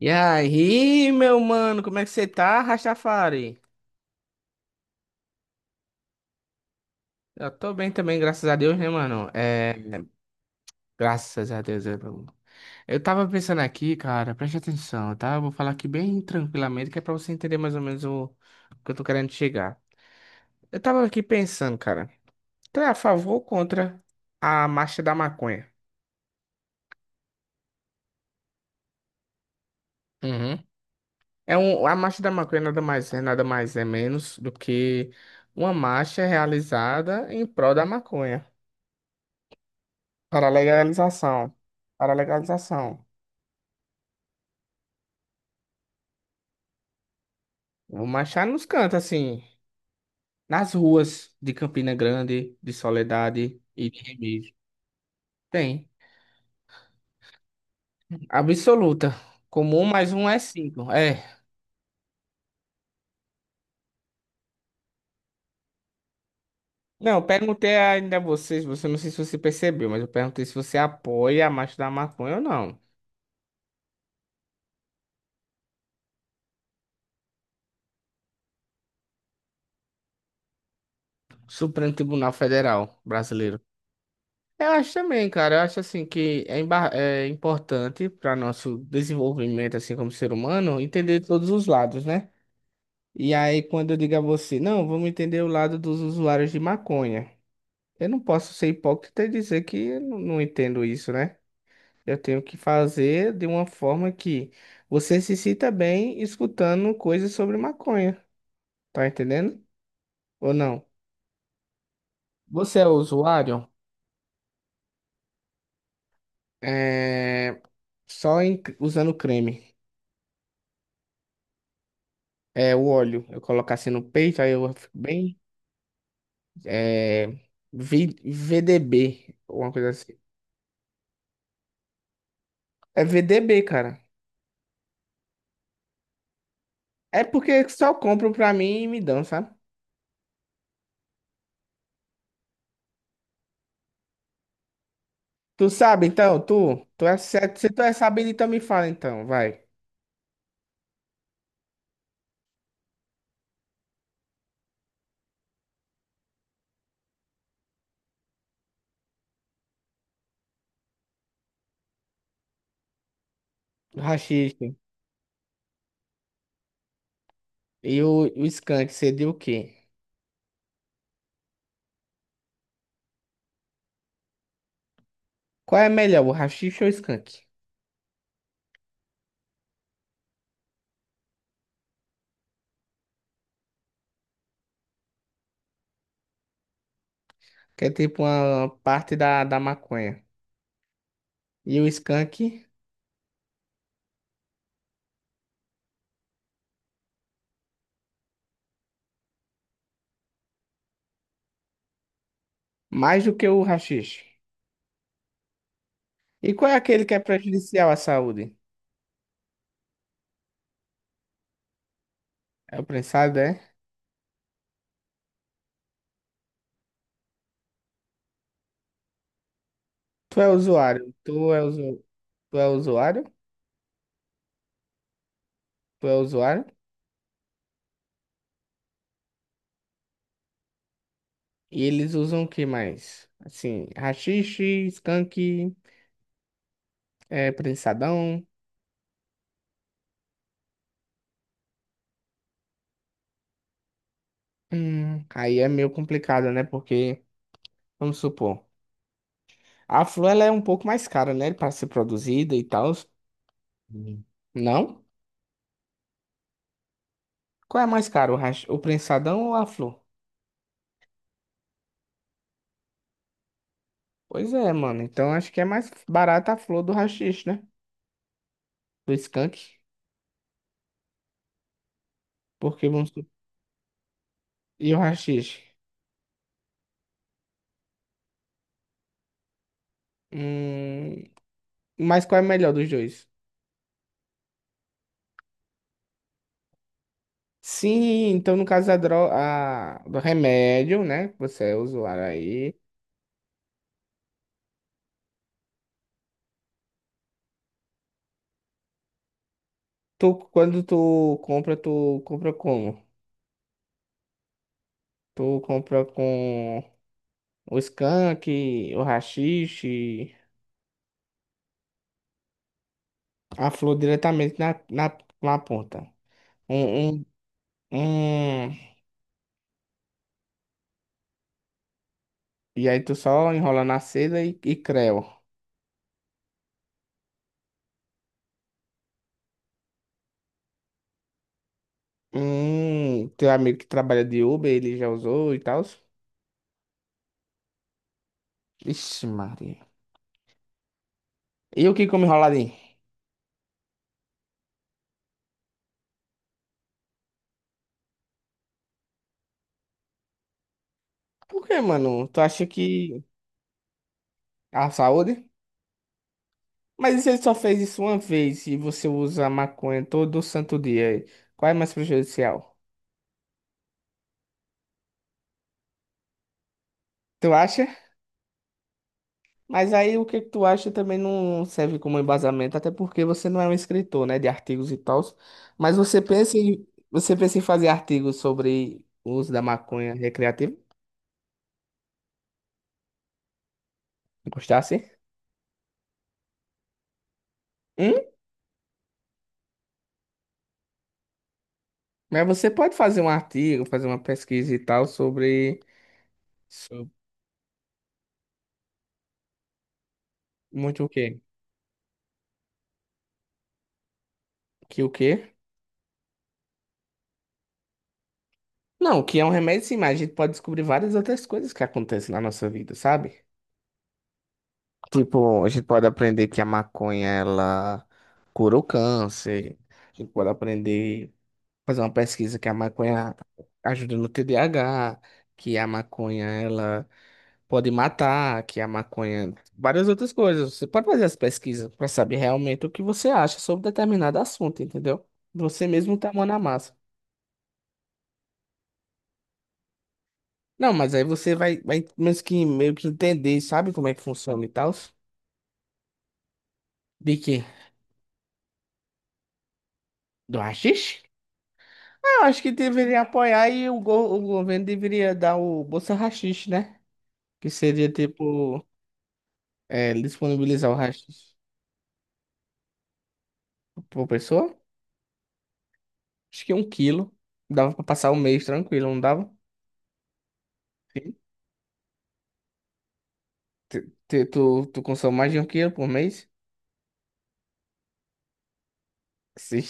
E aí, meu mano, como é que você tá, Rastafari? Eu tô bem também, graças a Deus, né, mano? É, graças a Deus. Eu tava pensando aqui, cara, preste atenção, tá? Eu vou falar aqui bem tranquilamente, que é pra você entender mais ou menos o que eu tô querendo chegar. Eu tava aqui pensando, cara, tu é a favor ou contra a marcha da maconha? Uhum. A marcha da maconha nada mais é, nada mais é menos do que uma marcha realizada em prol da maconha. Para a legalização. Para a legalização. Vou marchar nos cantos, assim. Nas ruas de Campina Grande, de Soledade e de Remígio. Tem. Absoluta. Comum, mas um é cinco. É. Não, eu perguntei ainda a vocês, você não sei se você percebeu, mas eu perguntei se você apoia a marcha da maconha ou não. Supremo Tribunal Federal brasileiro. Eu acho também, cara. Eu acho assim que é, é importante para nosso desenvolvimento, assim como ser humano, entender todos os lados, né? E aí, quando eu digo a você, não, vamos entender o lado dos usuários de maconha. Eu não posso ser hipócrita e dizer que eu não entendo isso, né? Eu tenho que fazer de uma forma que você se sinta bem escutando coisas sobre maconha. Tá entendendo? Ou não? Você é usuário? É... Só usando creme. É, o óleo. Eu coloco assim no peito, aí eu fico bem. É... VDB, alguma coisa assim. É VDB, cara. É porque só compram pra mim e me dão, sabe? Tu sabe, então, tu é, se tu é sabido, então me fala, então, vai. O rachixe e o skunk, seria o quê? Qual é melhor, o rachixe ou o skunk? Que é tipo uma parte da maconha. E o skunk, mais do que o rachixe. E qual é aquele que é prejudicial à saúde? É o prensado, é? Tu é usuário, tu é usuário, tu é usuário. E eles usam o que mais? Assim, rachixe, skunk... É prensadão. Aí é meio complicado, né? Porque, vamos supor, a flor ela é um pouco mais cara, né? Para ser produzida e tal. Hum. Não? Qual é mais caro, o prensadão ou a flor? Pois é, mano. Então acho que é mais barata a flor do haxixe, né? Do skunk. Porque vamos. su- E o haxixe? Hum... Mas qual é melhor dos dois? Sim, então no caso do remédio, né? Que você é usuário aí. Tu, quando tu compra como? Tu compra com o skunk, o haxixe, a flor diretamente na ponta. Um, um, um. E aí tu só enrola na seda e, creu. Teu amigo que trabalha de Uber, ele já usou e tal? Ixi, Maria. E o que come enroladinho? Por que, mano? Tu acha que a saúde? Mas e se ele só fez isso uma vez e você usa maconha todo santo dia, qual é mais prejudicial? Tu acha? Mas aí o que que tu acha também não serve como embasamento, até porque você não é um escritor, né, de artigos e tal. Mas você pensa em fazer artigos sobre o uso da maconha recreativa? Gostasse? Hum? Mas você pode fazer um artigo, fazer uma pesquisa e tal sobre muito o quê? Que o quê? Não, que é um remédio, sim, mas a gente pode descobrir várias outras coisas que acontecem na nossa vida, sabe? Tipo, a gente pode aprender que a maconha ela cura o câncer. A gente pode aprender, fazer uma pesquisa que a maconha ajuda no TDAH, que a maconha ela pode matar, que a maconha, várias outras coisas. Você pode fazer as pesquisas para saber realmente o que você acha sobre determinado assunto, entendeu? Você mesmo tá a mão na massa. Não, mas aí você vai meio que entender, sabe como é que funciona e tal? De quê? Do haxixe? Eu acho que deveria apoiar e o governo deveria dar o Bolsa Rachixe, né? Que seria tipo, disponibilizar o rachixe por pessoa. Acho que 1 quilo. Dava pra passar um mês tranquilo, não dava? Sim. Tu consome mais de 1 quilo por mês? Sim,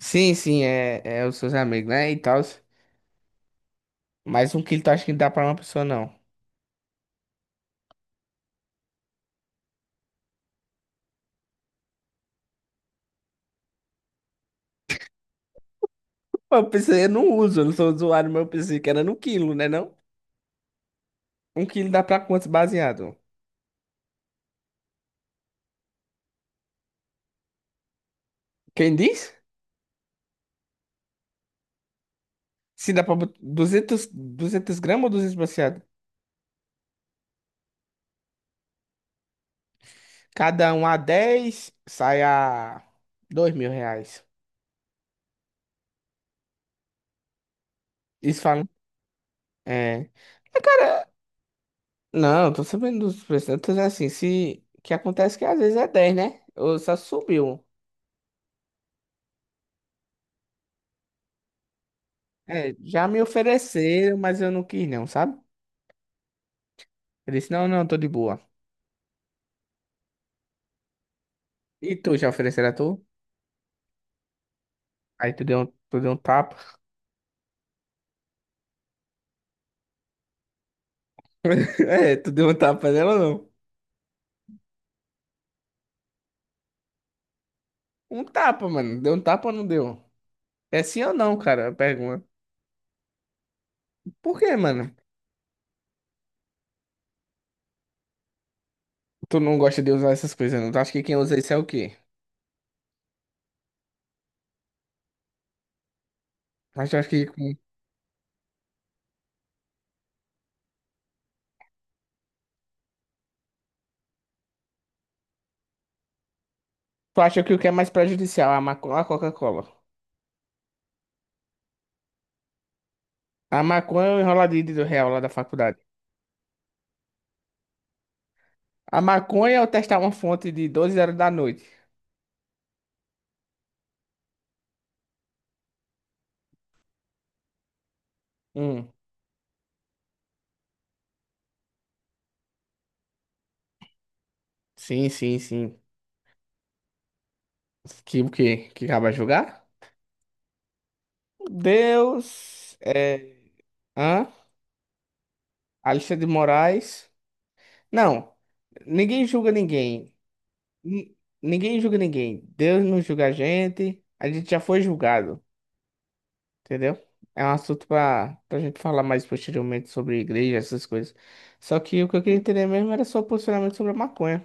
sim, sim, é os seus amigos, né? E tal. Mas 1 quilo tu acha que dá pra uma pessoa, não? Pô, eu pensei, eu não uso, eu não sou usuário, mas eu pensei que era no quilo, né não? 1 quilo dá pra quantos baseado? Quem diz? Sim, dá pra botar 200 200 gramas ou 200 baseado? Cada um a 10 sai a R$ 2.000. Isso falam. É. Mas, cara, não, eu tô sabendo dos preços. Eu tô dizendo assim, se... que acontece que às vezes é dez, né? Ou só subiu. É, já me ofereceram, mas eu não quis não, sabe? Eu disse, não, não, tô de boa. E tu, já ofereceram a tu? Aí tu deu um tapa. É, tu deu um tapa nela ou não? Um tapa, mano. Deu um tapa ou não deu? É sim ou não, cara? Pergunta. Por quê, mano? Tu não gosta de usar essas coisas, não? Tu acha que quem usa isso é o quê? Mas tu acha que... Tu acha que o que é mais prejudicial, é a maconha ou a Coca-Cola? A maconha é o enroladinho do real lá da faculdade. A maconha é eu testar uma fonte de 12 horas da noite. Hum. Sim, sim, sim. Que o quê? Que acaba jogar? Deus... É... Hã? Alexandre de Moraes... Não. Ninguém julga ninguém. Ni- Ninguém julga ninguém. Deus não julga a gente. A gente já foi julgado. Entendeu? É um assunto pra gente falar mais posteriormente sobre igreja, essas coisas. Só que o que eu queria entender mesmo era seu posicionamento sobre a maconha.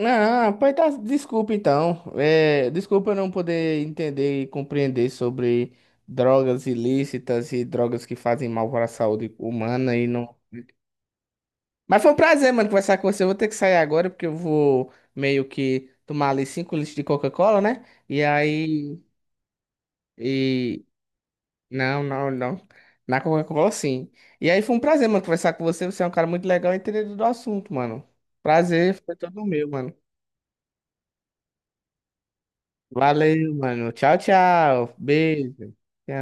Ah, pois tá, desculpa então. É, desculpa eu não poder entender e compreender sobre drogas ilícitas e drogas que fazem mal para a saúde humana e não. Mas foi um prazer, mano, conversar com você. Eu vou ter que sair agora porque eu vou meio que tomar ali 5 litros de Coca-Cola, né? E aí. e Não, não, não. Na Coca-Cola, sim. E aí foi um prazer, mano, conversar com você. Você é um cara muito legal e entendido do assunto, mano. Prazer, foi todo meu, mano. Valeu, mano. Tchau, tchau. Beijo. Tchau.